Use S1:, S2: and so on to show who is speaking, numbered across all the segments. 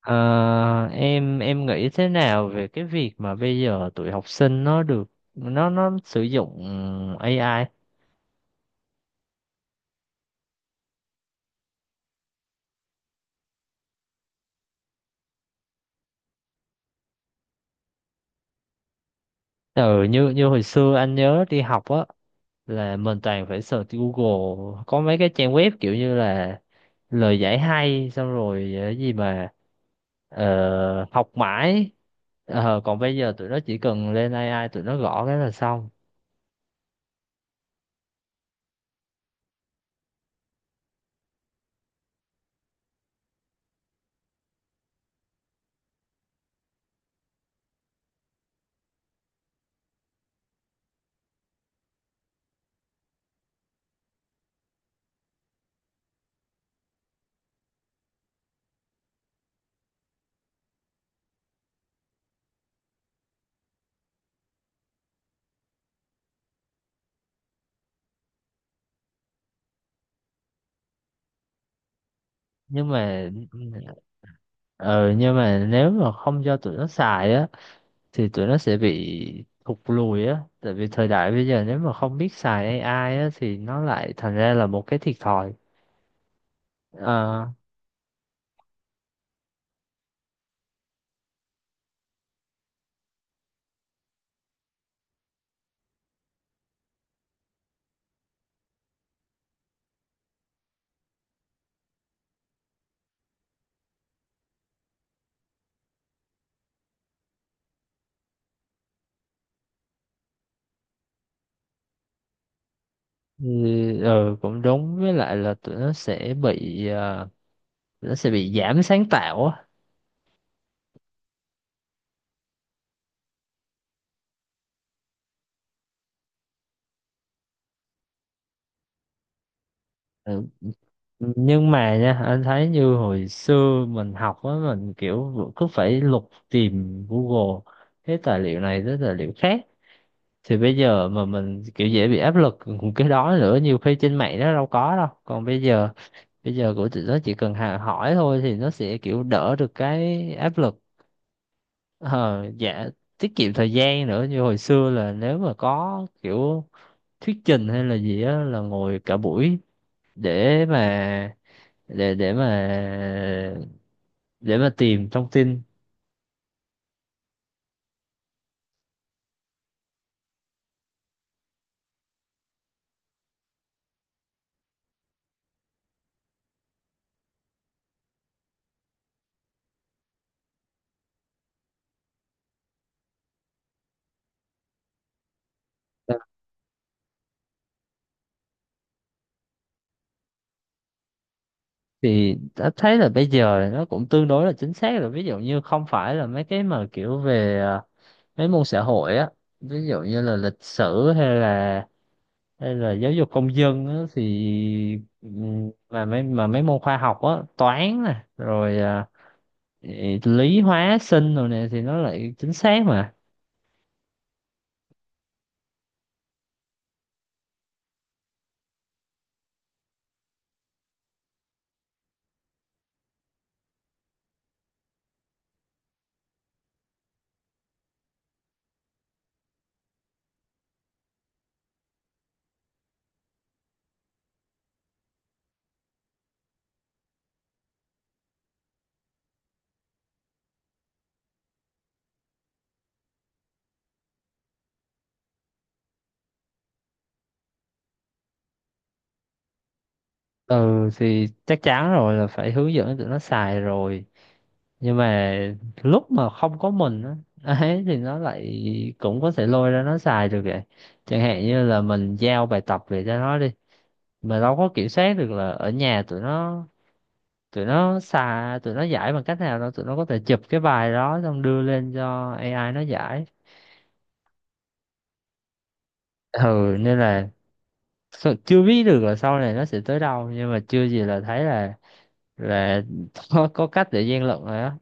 S1: Ờ, em nghĩ thế nào về cái việc mà bây giờ tụi học sinh nó được nó sử dụng AI. Ừ, như như hồi xưa anh nhớ đi học á, là mình toàn phải search Google, có mấy cái trang web kiểu như là lời giải hay, xong rồi gì mà học mãi. Còn bây giờ tụi nó chỉ cần lên AI, tụi nó gõ cái là xong. Nhưng mà ừ, ờ, nhưng mà nếu mà không cho tụi nó xài á, thì tụi nó sẽ bị thụt lùi á, tại vì thời đại bây giờ nếu mà không biết xài AI á, thì nó lại thành ra là một cái thiệt thòi. Ờ, ừ, ừ, cũng đúng, với lại là tụi nó sẽ bị giảm sáng tạo á. Ừ, nhưng mà nha, anh thấy như hồi xưa mình học á, mình kiểu cứ phải lục tìm Google cái tài liệu này tới tài liệu khác, thì bây giờ mà mình kiểu dễ bị áp lực cái đó nữa, nhiều khi trên mạng nó đâu có đâu. Còn bây giờ của tụi nó chỉ cần hỏi thôi, thì nó sẽ kiểu đỡ được cái áp lực. Ờ, dạ, tiết kiệm thời gian nữa. Như hồi xưa là nếu mà có kiểu thuyết trình hay là gì á, là ngồi cả buổi để mà để để mà để mà tìm thông tin. Thì đã thấy là bây giờ nó cũng tương đối là chính xác rồi, ví dụ như không phải là mấy cái mà kiểu về mấy môn xã hội á, ví dụ như là lịch sử, hay là giáo dục công dân á, thì mà mấy môn khoa học á, toán nè, rồi lý hóa sinh rồi nè, thì nó lại chính xác mà. Ừ, thì chắc chắn rồi, là phải hướng dẫn tụi nó xài rồi. Nhưng mà lúc mà không có mình á ấy, thì nó lại cũng có thể lôi ra nó xài được vậy. Chẳng hạn như là mình giao bài tập về cho nó đi, mà đâu có kiểm soát được là ở nhà tụi nó giải bằng cách nào. Đó, tụi nó có thể chụp cái bài đó xong đưa lên cho AI nó giải. Ừ, nên là chưa biết được là sau này nó sẽ tới đâu, nhưng mà chưa gì là thấy là là có cách để gian lận rồi á.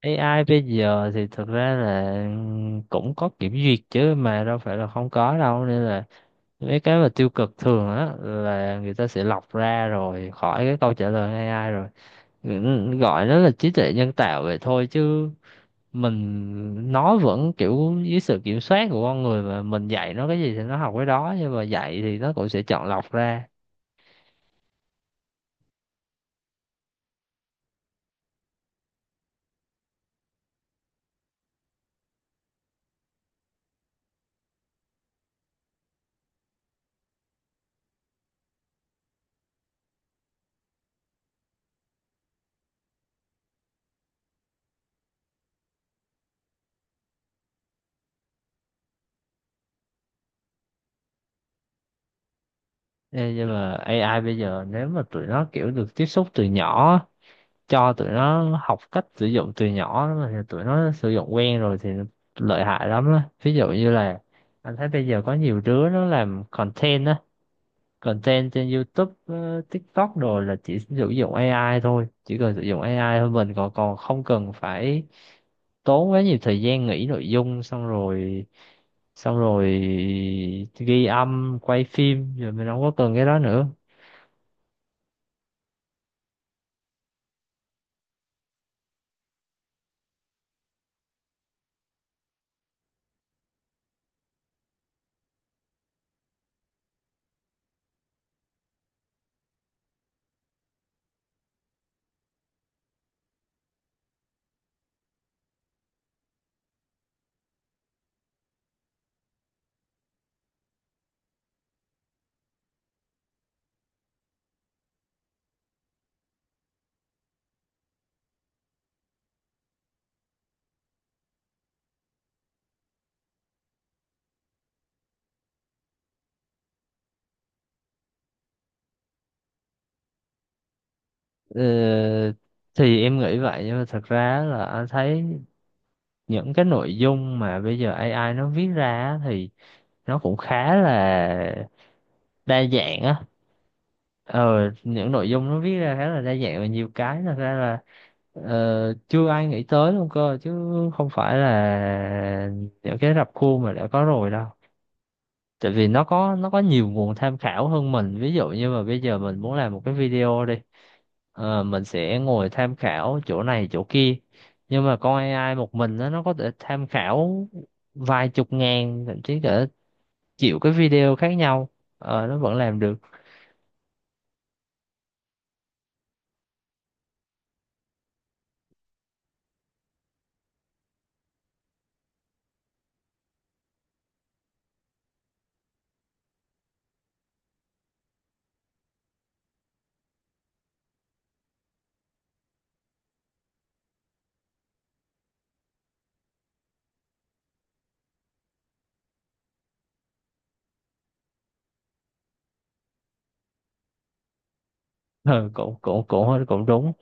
S1: AI bây giờ thì thực ra là cũng có kiểm duyệt chứ, mà đâu phải là không có đâu, nên là mấy cái mà tiêu cực thường á, là người ta sẽ lọc ra rồi khỏi cái câu trả lời AI rồi. Ừ, gọi nó là trí tuệ nhân tạo vậy thôi, chứ mình, nó vẫn kiểu dưới sự kiểm soát của con người, mà mình dạy nó cái gì thì nó học cái đó, nhưng mà dạy thì nó cũng sẽ chọn lọc ra. Ê, nhưng mà AI bây giờ nếu mà tụi nó kiểu được tiếp xúc từ nhỏ, cho tụi nó học cách sử dụng từ nhỏ mà, thì tụi nó sử dụng quen rồi thì lợi hại lắm đó. Ví dụ như là anh thấy bây giờ có nhiều đứa nó làm content á, content trên YouTube, TikTok đồ, là chỉ sử dụng AI thôi, chỉ cần sử dụng AI thôi, mình còn còn không cần phải tốn quá nhiều thời gian nghĩ nội dung. Xong rồi xong rồi ghi âm, quay phim rồi, mình không có cần cái đó nữa. Ờ, thì em nghĩ vậy, nhưng mà thật ra là anh thấy những cái nội dung mà bây giờ AI nó viết ra á, thì nó cũng khá là đa dạng á. Ờ, những nội dung nó viết ra khá là đa dạng, và nhiều cái thật ra là chưa ai nghĩ tới luôn cơ, chứ không phải là những cái rập khuôn mà đã có rồi đâu. Tại vì nó có, nó có nhiều nguồn tham khảo hơn mình. Ví dụ như mà bây giờ mình muốn làm một cái video đi, mình sẽ ngồi tham khảo chỗ này chỗ kia, nhưng mà con AI một mình nó có thể tham khảo vài chục ngàn, thậm chí cả triệu cái video khác nhau, nó vẫn làm được. Ờ, cũng cũng cũng cũng đúng.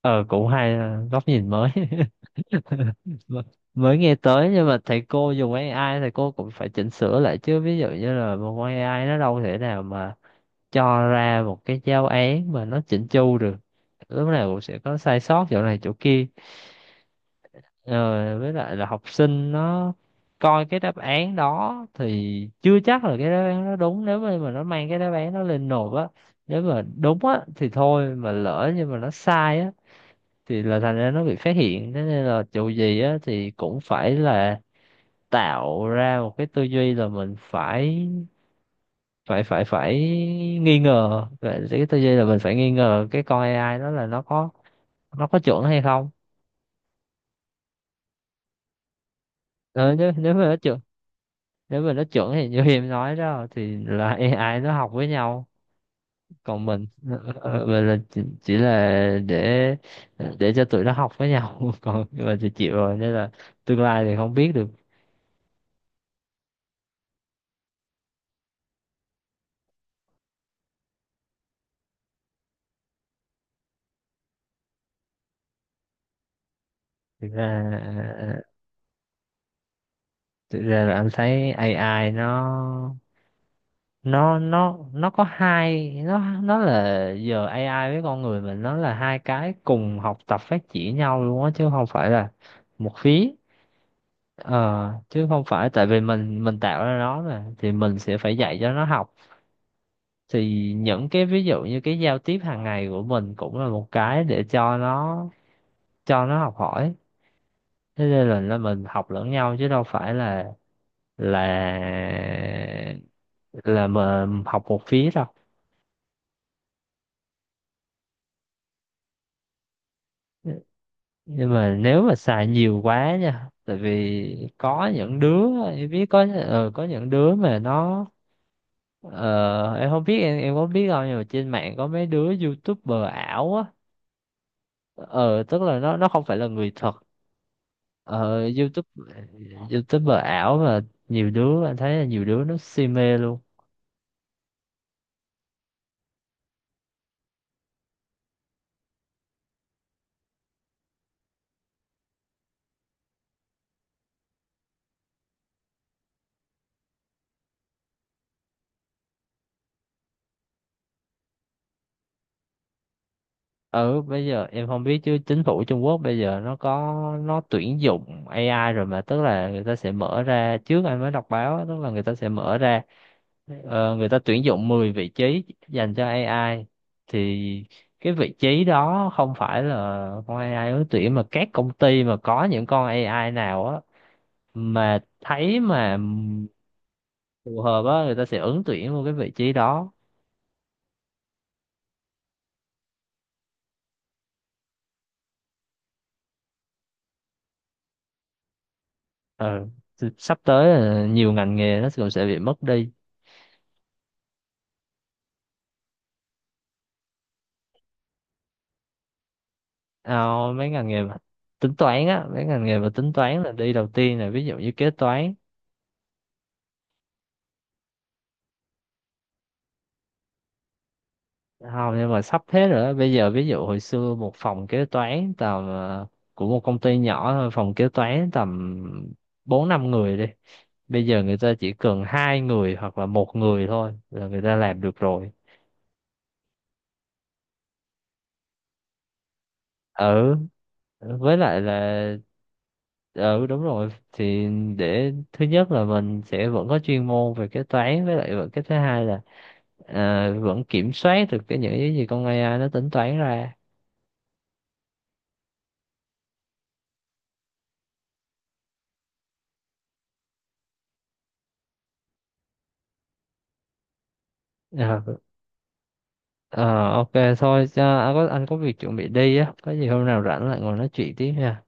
S1: Ờ, Cũng hay, góc nhìn mới. M- Mới nghe tới. Nhưng mà thầy cô dùng AI, thầy cô cũng phải chỉnh sửa lại chứ, ví dụ như là một con AI nó đâu thể nào mà cho ra một cái giáo án mà nó chỉnh chu được, lúc nào cũng sẽ có sai sót chỗ này chỗ kia. ờ, với lại là học sinh nó coi cái đáp án đó thì chưa chắc là cái đáp án nó đúng. Nếu mà nó mang cái đáp án nó lên nộp á, nếu mà đúng á thì thôi, mà lỡ nhưng mà nó sai á, thì là thành ra nó bị phát hiện. Thế nên là dù gì á, thì cũng phải là tạo ra một cái tư duy là mình phải phải nghi ngờ. Vậy, cái tư duy là mình phải nghi ngờ cái con AI đó là nó có, nó có chuẩn hay không. Ừ, nếu nếu mà nó chuẩn nếu mà nó chuẩn thì như em nói đó, thì là AI nó học với nhau, còn mình mình là chỉ là để cho tụi nó học với nhau. Còn mình thì chịu rồi, nên là tương lai thì không biết được. Thực ra à, à, à, Thực ra là anh thấy AI nó, nó có hai nó là giờ AI với con người mình nó là hai cái cùng học tập phát triển nhau luôn á, chứ không phải là một phía. Ờ, Chứ không phải tại vì mình tạo ra nó mà thì mình sẽ phải dạy cho nó học. Thì những cái ví dụ như cái giao tiếp hàng ngày của mình cũng là một cái để cho nó, cho nó học hỏi. Thế nên là, mình học lẫn nhau, chứ đâu phải là là là mà học một phía đâu. Nhưng mà nếu mà xài nhiều quá nha, tại vì có những đứa, em biết có những đứa mà nó, em không biết em có biết không, nhưng mà trên mạng có mấy đứa YouTuber ảo á, ờ tức là nó không phải là người thật. ờ YouTube YouTuber ảo mà, nhiều đứa anh thấy là nhiều đứa nó si mê luôn. Ừ, bây giờ em không biết chứ chính phủ Trung Quốc bây giờ nó, nó tuyển dụng AI rồi mà. Tức là người ta sẽ mở ra, trước anh mới đọc báo á, tức là người ta sẽ mở ra, người ta tuyển dụng 10 vị trí dành cho AI, thì cái vị trí đó không phải là con AI ứng tuyển, mà các công ty mà có những con AI nào á, mà thấy mà phù hợp á, người ta sẽ ứng tuyển vô cái vị trí đó. Ừ. Thì sắp tới là nhiều ngành nghề nó cũng sẽ bị mất đi. Ờ, Mấy ngành nghề mà tính toán á, mấy ngành nghề mà tính toán là đi đầu tiên, là ví dụ như kế toán. Không, nhưng mà sắp thế rồi đó. Bây giờ ví dụ hồi xưa, một phòng kế toán tầm của một công ty nhỏ thôi, phòng kế toán tầm bốn năm người đi, bây giờ người ta chỉ cần hai người hoặc là một người thôi là người ta làm được rồi. Ừ, với lại là ừ đúng rồi, thì để thứ nhất là mình sẽ vẫn có chuyên môn về kế toán, với lại vẫn, cái thứ hai là vẫn kiểm soát được cái những cái gì con AI nó tính toán ra. Ờ, Ờ ok, thôi cho anh có việc chuẩn bị đi á, có gì hôm nào rảnh lại ngồi nói chuyện tiếp nha.